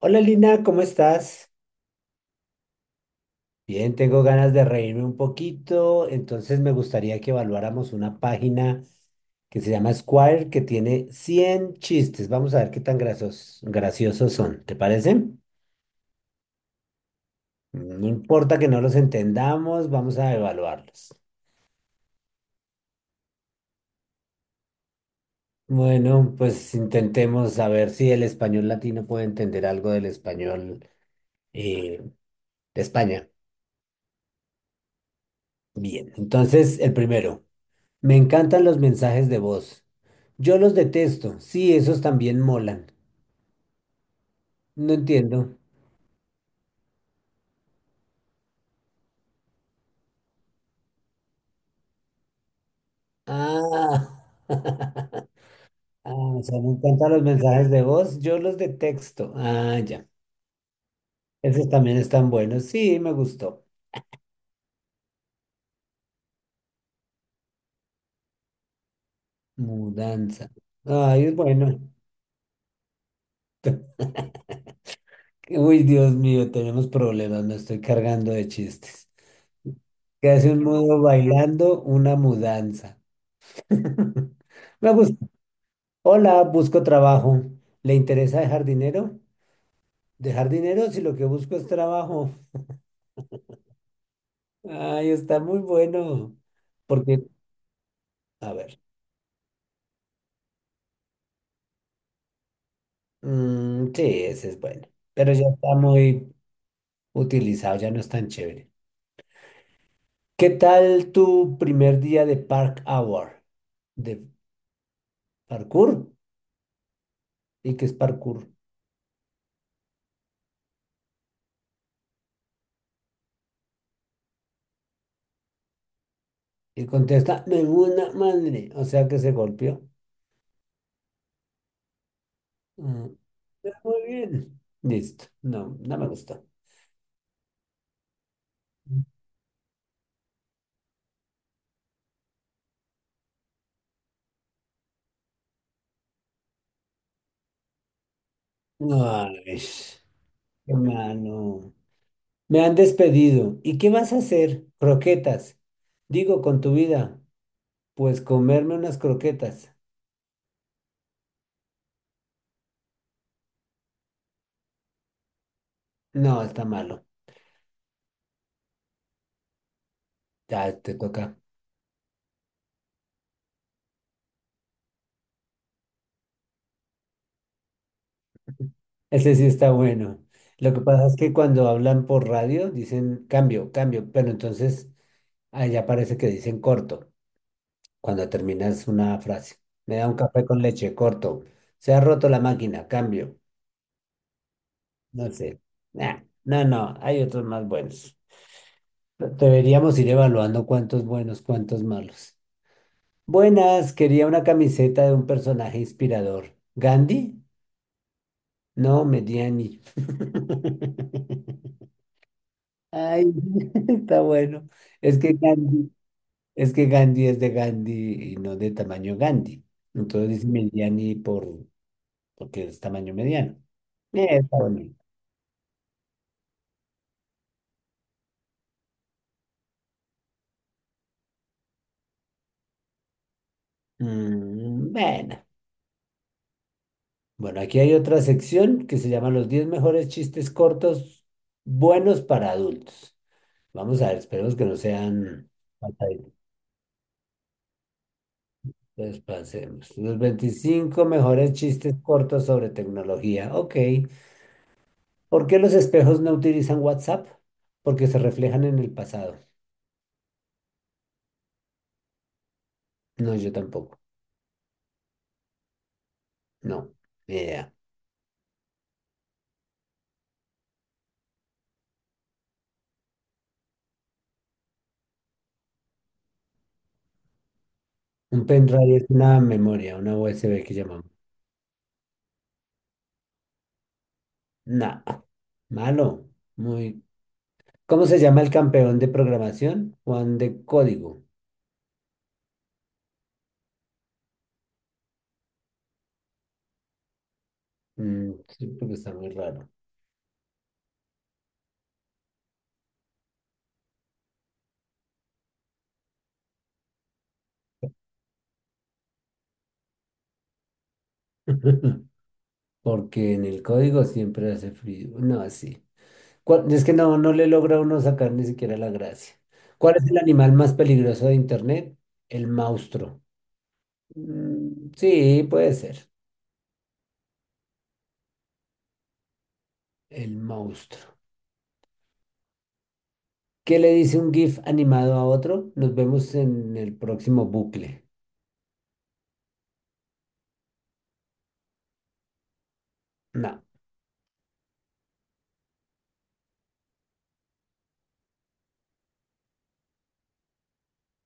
Hola Lina, ¿cómo estás? Bien, tengo ganas de reírme un poquito, entonces me gustaría que evaluáramos una página que se llama Squire que tiene 100 chistes. Vamos a ver qué tan graciosos son, ¿te parece? No importa que no los entendamos, vamos a evaluarlos. Bueno, pues intentemos saber si el español latino puede entender algo del español eh, de España. Bien, entonces el primero. Me encantan los mensajes de voz. Yo los detesto. Sí, esos también molan. No entiendo. Ah. Ah, o sea, me encantan los mensajes de voz. Yo los detesto. Ah, ya. Esos también están buenos. Sí, me gustó. Mudanza. Ay, es bueno. Uy, Dios mío, tenemos problemas. Me estoy cargando de chistes. ¿Qué hace un mudo bailando? Una mudanza. Me gusta. Hola, busco trabajo. ¿Le interesa dejar dinero? Dejar dinero si lo que busco es trabajo. Ay, está muy bueno. Porque, a ver, mm, sí, ese es bueno. Pero ya está muy utilizado, ya no es tan chévere. ¿Qué tal tu primer día de Park Hour? ¿De parkour? ¿Y qué es parkour? Y contesta, me una madre. O sea que se golpeó. Mm, está muy bien. Listo. No, no me gustó. Ay, hermano. Me han despedido. ¿Y qué vas a hacer? Croquetas. Digo, con tu vida. Pues comerme unas croquetas. No, está malo. Ya te toca. Ese sí está bueno. Lo que pasa es que cuando hablan por radio dicen cambio, cambio, pero entonces allá parece que dicen corto cuando terminas una frase. Me da un café con leche, corto. Se ha roto la máquina, cambio. No sé. Nah, no, no, hay otros más buenos. Deberíamos ir evaluando cuántos buenos, cuántos malos. Buenas, quería una camiseta de un personaje inspirador. ¿Gandhi? No, Mediani. Ay, está bueno. Es que Gandhi, es que Gandhi es de Gandhi y no de tamaño Gandhi. Entonces dice Mediani por, porque es tamaño mediano. Está bueno. Mm, bueno. Bueno, aquí hay otra sección que se llama Los 10 mejores chistes cortos buenos para adultos. Vamos a ver, esperemos que no sean... Pues pasemos. Los 25 mejores chistes cortos sobre tecnología. Ok. ¿Por qué los espejos no utilizan WhatsApp? Porque se reflejan en el pasado. No, yo tampoco. No. Ni idea. Un pendrive es una memoria, una USB que llamamos. Nah. Malo. Muy. ¿Cómo se llama el campeón de programación? Juan de código. Mm, sí, porque está muy raro. Porque en el código siempre hace frío. No, así. Es que no, no le logra uno sacar ni siquiera la gracia. ¿Cuál es el animal más peligroso de Internet? El monstruo. Mm, sí, puede ser. El monstruo. ¿Qué le dice un GIF animado a otro? Nos vemos en el próximo bucle. No.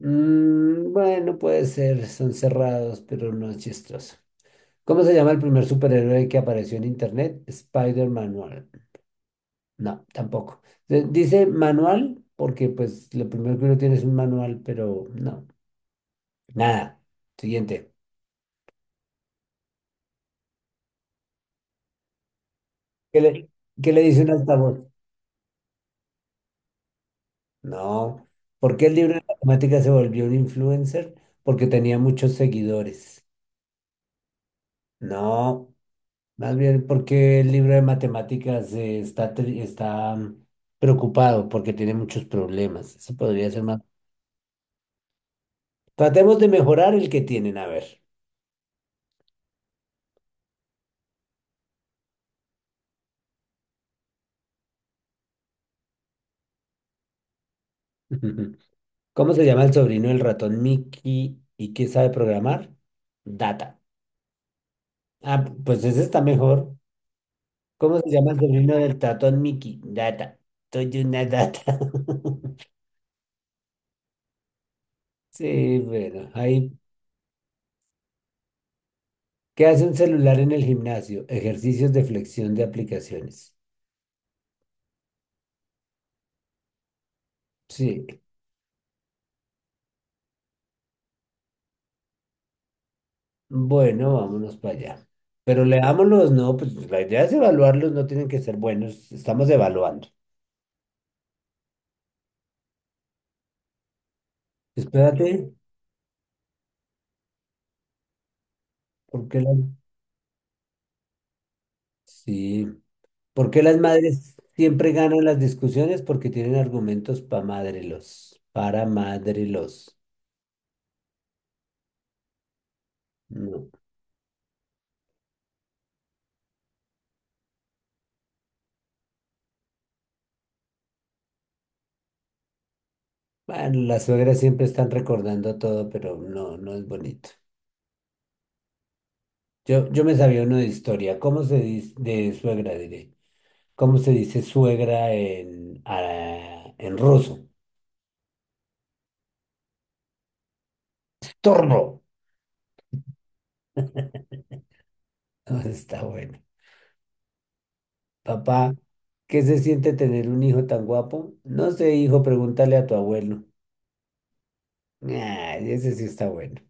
Mm, bueno, puede ser. Son cerrados, pero no es chistoso. ¿Cómo se llama el primer superhéroe que apareció en Internet? Spider-Manual. No, tampoco. Dice manual porque pues lo primero que uno tiene es un manual, pero no. Nada. Siguiente. ¿Qué le, qué le dice un altavoz? No. ¿Por qué el libro de matemáticas se volvió un influencer? Porque tenía muchos seguidores. No. Más bien porque el libro de matemáticas está preocupado porque tiene muchos problemas. Eso podría ser más. Tratemos de mejorar el que tienen, a ver. ¿Cómo se llama el sobrino del ratón Mickey y qué sabe programar? Data. Ah, pues ese está mejor. ¿Cómo se llama el sobrino del tatón Mickey? Data. Soy una data. Sí, bueno, ahí. ¿Qué hace un celular en el gimnasio? Ejercicios de flexión de aplicaciones. Sí. Bueno, vámonos para allá. Pero leámoslos, no, pues la idea es evaluarlos, no tienen que ser buenos. Estamos evaluando. Espérate, ¿por qué la- Sí. ¿Por qué las madres siempre ganan las discusiones? Porque tienen argumentos para madrelos. Para madrelos. No. Bueno, las suegras siempre están recordando todo, pero no, no es bonito. Yo me sabía uno de historia. ¿Cómo se dice, de suegra diré? ¿Cómo se dice suegra en, ah, en ruso? Torno. Está bueno. Papá, ¿qué se siente tener un hijo tan guapo? No sé, hijo, pregúntale a tu abuelo. Ah, ese sí está bueno.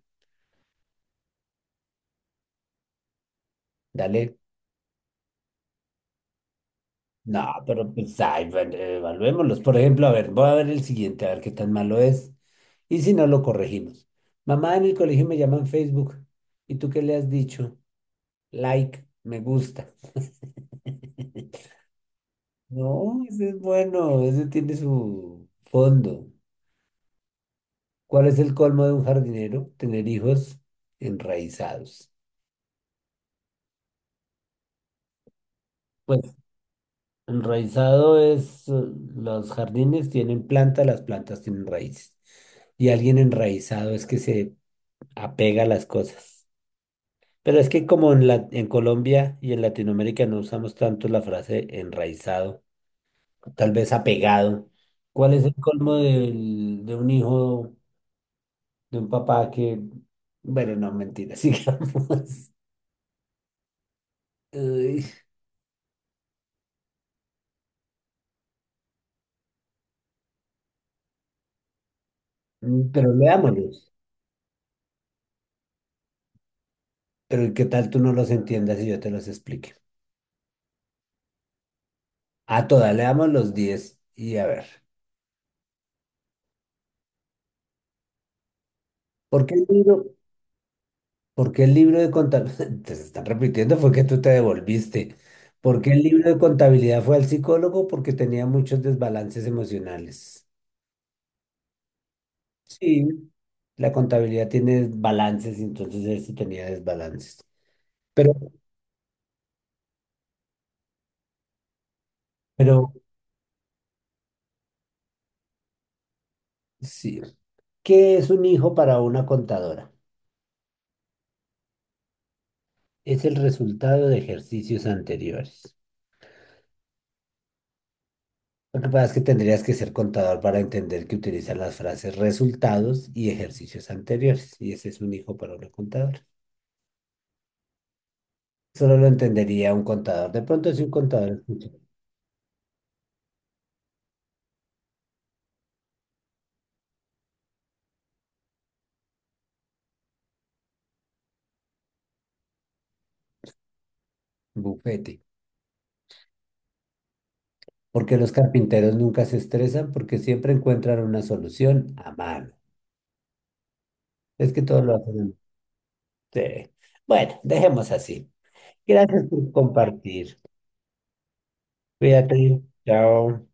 Dale. No, pero pues, ay, bueno, evaluémoslos. Por ejemplo, a ver, voy a ver el siguiente, a ver qué tan malo es. Y si no, lo corregimos. Mamá, en el colegio me llaman Facebook. ¿Y tú qué le has dicho? Like, me gusta. No, ese es bueno, ese tiene su fondo. ¿Cuál es el colmo de un jardinero? Tener hijos enraizados. Pues enraizado es, los jardines tienen plantas, las plantas tienen raíces. Y alguien enraizado es que se apega a las cosas. Pero es que como en en Colombia y en Latinoamérica no usamos tanto la frase enraizado, tal vez apegado. ¿Cuál es el colmo de un papá que, bueno, no, mentira, sigamos. Uy, pero leámoslos. Pero ¿qué tal tú no los entiendas y yo te los explique? A todas, leamos los 10 y a ver. ¿Por qué el libro, ¿Por qué el libro de contabilidad? Te están repitiendo, fue que tú te devolviste. ¿Por qué el libro de contabilidad fue al psicólogo? Porque tenía muchos desbalances emocionales. Sí, la contabilidad tiene balances, y entonces él sí tenía desbalances. Pero, pero sí. ¿Qué es un hijo para una contadora? Es el resultado de ejercicios anteriores. Lo que pasa es que tendrías que ser contador para entender que utiliza las frases resultados y ejercicios anteriores. Y ese es un hijo para una contadora. Solo lo entendería un contador. De pronto si un contador escucha bufete, porque los carpinteros nunca se estresan porque siempre encuentran una solución a mano. Es que todos lo hacen. Sí. Bueno, dejemos así. Gracias por compartir. Cuídate. Chao.